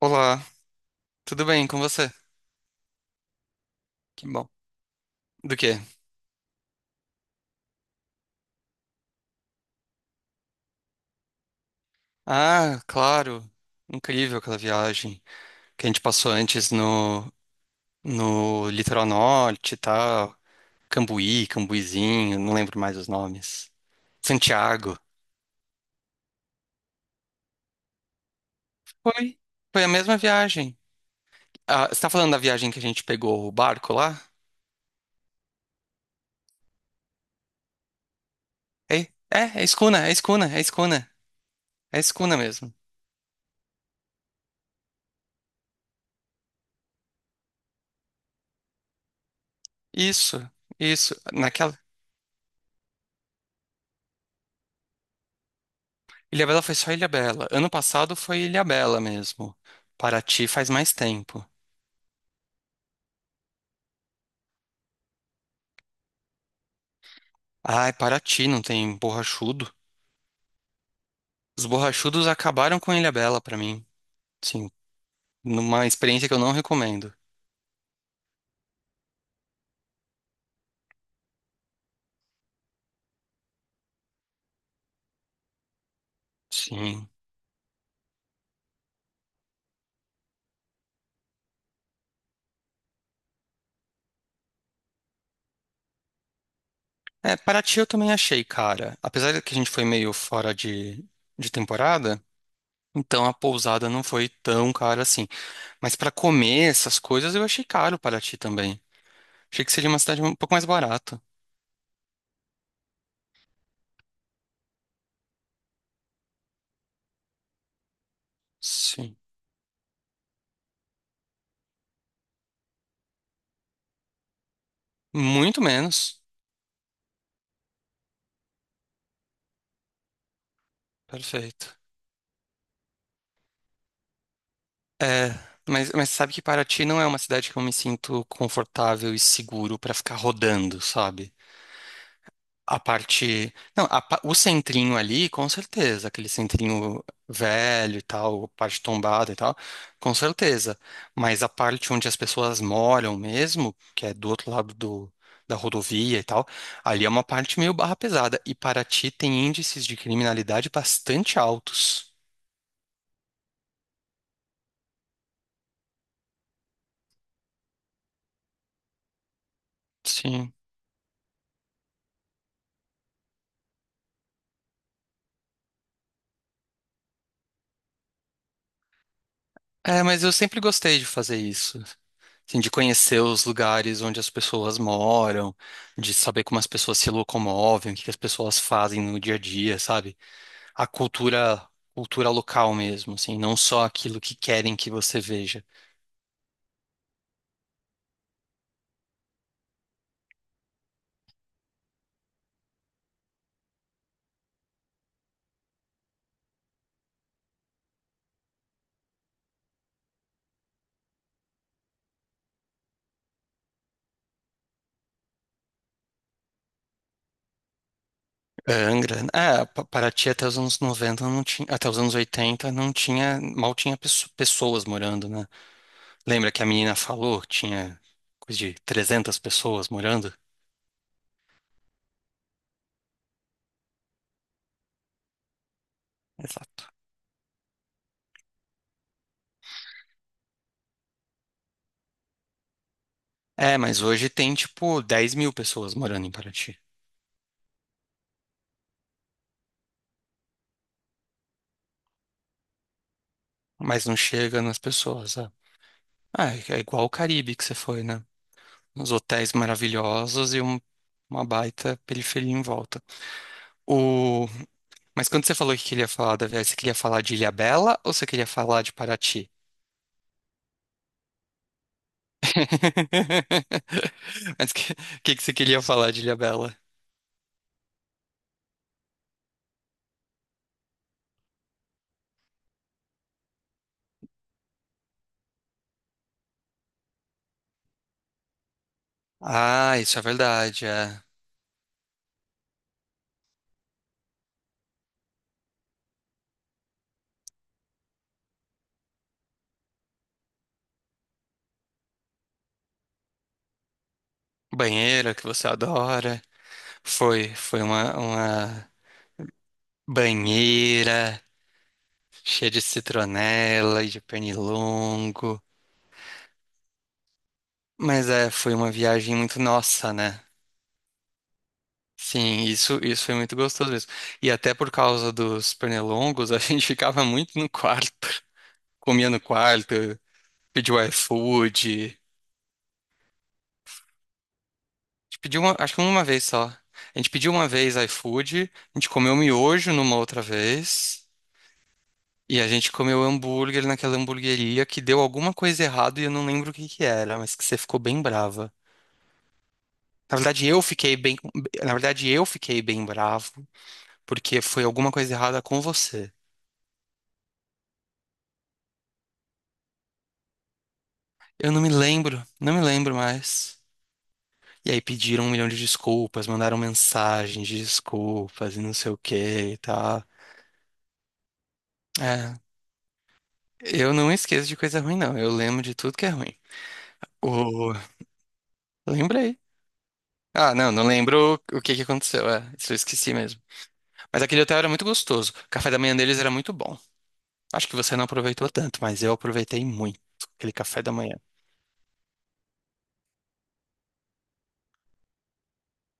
Olá, tudo bem com você? Que bom. Do quê? Ah, claro. Incrível aquela viagem que a gente passou antes no Litoral Norte e tal. Cambuí, Cambuizinho, não lembro mais os nomes. Santiago. Foi. Foi a mesma viagem. Ah, você tá falando da viagem que a gente pegou o barco lá? É, é escuna, é escuna, é escuna. É escuna mesmo. Isso, isso. Naquela. Ilhabela foi só Ilhabela. Ano passado foi Ilhabela mesmo. Paraty faz mais tempo. Ai, Paraty não tem borrachudo. Os borrachudos acabaram com Ilhabela pra mim. Sim, numa experiência que eu não recomendo. Sim. É, Paraty eu também achei, cara. Apesar de que a gente foi meio fora de temporada, então a pousada não foi tão cara assim. Mas pra comer essas coisas eu achei caro Paraty também. Achei que seria uma cidade um pouco mais barata. Sim. Muito menos. Perfeito. É, mas sabe que Paraty não é uma cidade que eu me sinto confortável e seguro pra ficar rodando, sabe? A parte. Não, o centrinho ali, com certeza. Aquele centrinho velho e tal, parte tombada e tal, com certeza. Mas a parte onde as pessoas moram mesmo, que é do outro lado da rodovia e tal, ali é uma parte meio barra pesada. E Paraty tem índices de criminalidade bastante altos. Sim. É, mas eu sempre gostei de fazer isso. Assim, de conhecer os lugares onde as pessoas moram, de saber como as pessoas se locomovem, o que que as pessoas fazem no dia a dia, sabe? A cultura, cultura local mesmo, assim, não só aquilo que querem que você veja. É, Angra, é, Paraty até os anos 90, não tinha, até os anos 80 não tinha, mal tinha pessoas morando, né? Lembra que a menina falou que tinha coisa de 300 pessoas morando? Exato. É, mas hoje tem tipo 10 mil pessoas morando em Paraty. Mas não chega nas pessoas, sabe? Ah, é igual o Caribe que você foi, né? Os hotéis maravilhosos e uma baita periferia em volta. O… Mas quando você falou que queria falar da viagem, você queria falar de Ilhabela ou você queria falar de Paraty? Mas o que você queria falar de Ilhabela? Ah, isso é verdade. É. Banheira que você adora. Foi, foi uma banheira cheia de citronela e de pernilongo. Mas é, foi uma viagem muito nossa, né? Sim, isso foi muito gostoso mesmo. E até por causa dos pernilongos, a gente ficava muito no quarto, comia no quarto, pediu iFood. A gente pediu uma, acho que uma vez só. A gente pediu uma vez iFood, a gente comeu miojo numa outra vez, e a gente comeu hambúrguer naquela hamburgueria que deu alguma coisa errada e eu não lembro o que que era, mas que você ficou bem brava. Na verdade, eu fiquei bem, na verdade, eu fiquei bem bravo, porque foi alguma coisa errada com você. Eu não me lembro, não me lembro mais. E aí pediram um milhão de desculpas, mandaram mensagens de desculpas e não sei o que e tal. É, eu não esqueço de coisa ruim, não. Eu lembro de tudo que é ruim. O… Lembrei. Ah, não, não lembro o que que aconteceu. É, isso eu esqueci mesmo. Mas aquele hotel era muito gostoso. O café da manhã deles era muito bom. Acho que você não aproveitou tanto, mas eu aproveitei muito aquele café da manhã.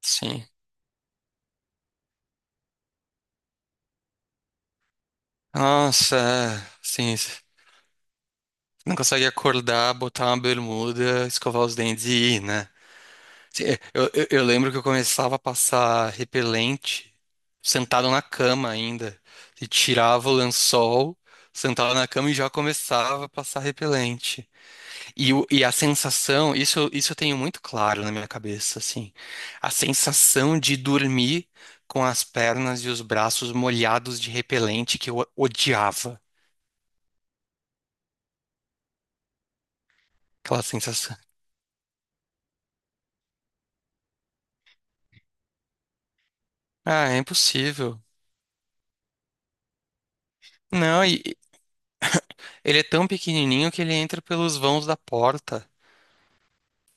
Sim. Nossa, é, sim. Não consegue acordar, botar uma bermuda, escovar os dentes e ir, né? Se- eu lembro que eu começava a passar repelente sentado na cama ainda. E tirava o lençol, sentava na cama e já começava a passar repelente. E a sensação, isso eu tenho muito claro na minha cabeça, assim. A sensação de dormir com as pernas e os braços molhados de repelente que eu odiava. Aquela sensação. Ah, é impossível. Não, e, Ele é tão pequenininho que ele entra pelos vãos da porta,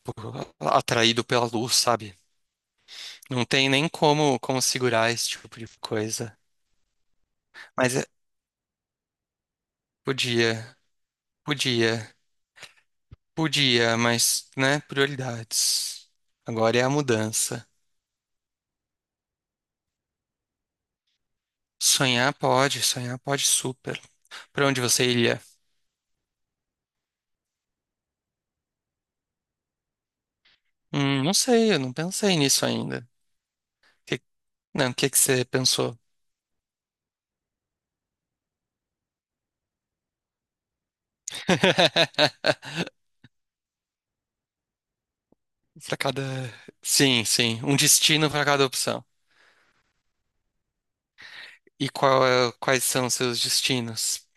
atraído pela luz, sabe? Não tem nem como, como segurar esse tipo de coisa. Mas é- podia, podia, podia, mas, né, prioridades. Agora é a mudança. Sonhar pode super. Pra onde você iria? Não sei, eu não pensei nisso ainda. Que- não, o que que você pensou? Pra cada. Sim, sim, um destino pra cada opção. E quais são seus destinos?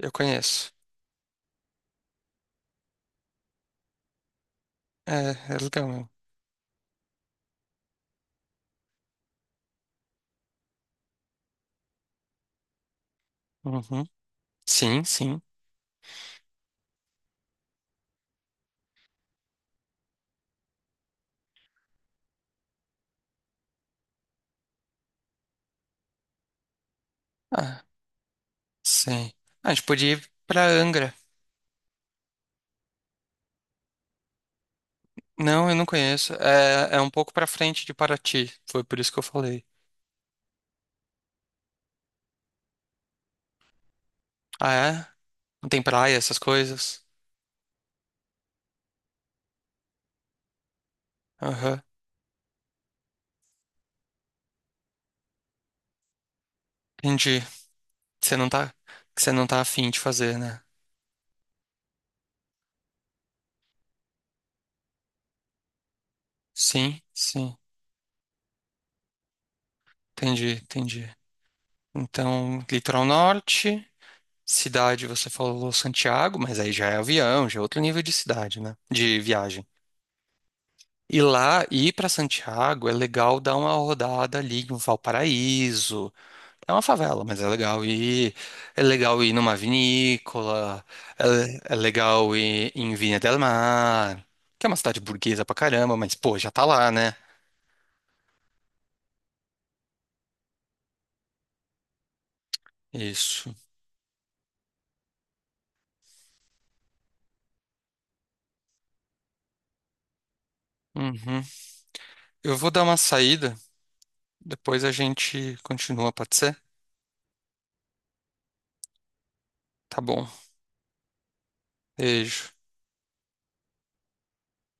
Eu conheço. É, é legal mesmo. Uhum. Sim, sim. Ah, sim. Ah, a gente podia ir pra Angra. Não, eu não conheço. É, é um pouco pra frente de Paraty. Foi por isso que eu falei. Ah, é? Não tem praia, essas coisas? Aham. Entendi. Você não tá, você não tá afim de fazer, né? Sim, sim. Entendi, entendi. Então, litoral norte. Cidade, você falou Santiago, mas aí já é avião, já é outro nível de cidade, né? De viagem. E lá, ir para Santiago é legal dar uma rodada ali em Valparaíso. É uma favela, mas é legal ir. É legal ir numa vinícola. É, é legal ir em Viña del Mar, que é uma cidade burguesa pra caramba, mas pô, já tá lá, né? Isso. Uhum. Eu vou dar uma saída, depois a gente continua, pode ser? Tá bom. Beijo.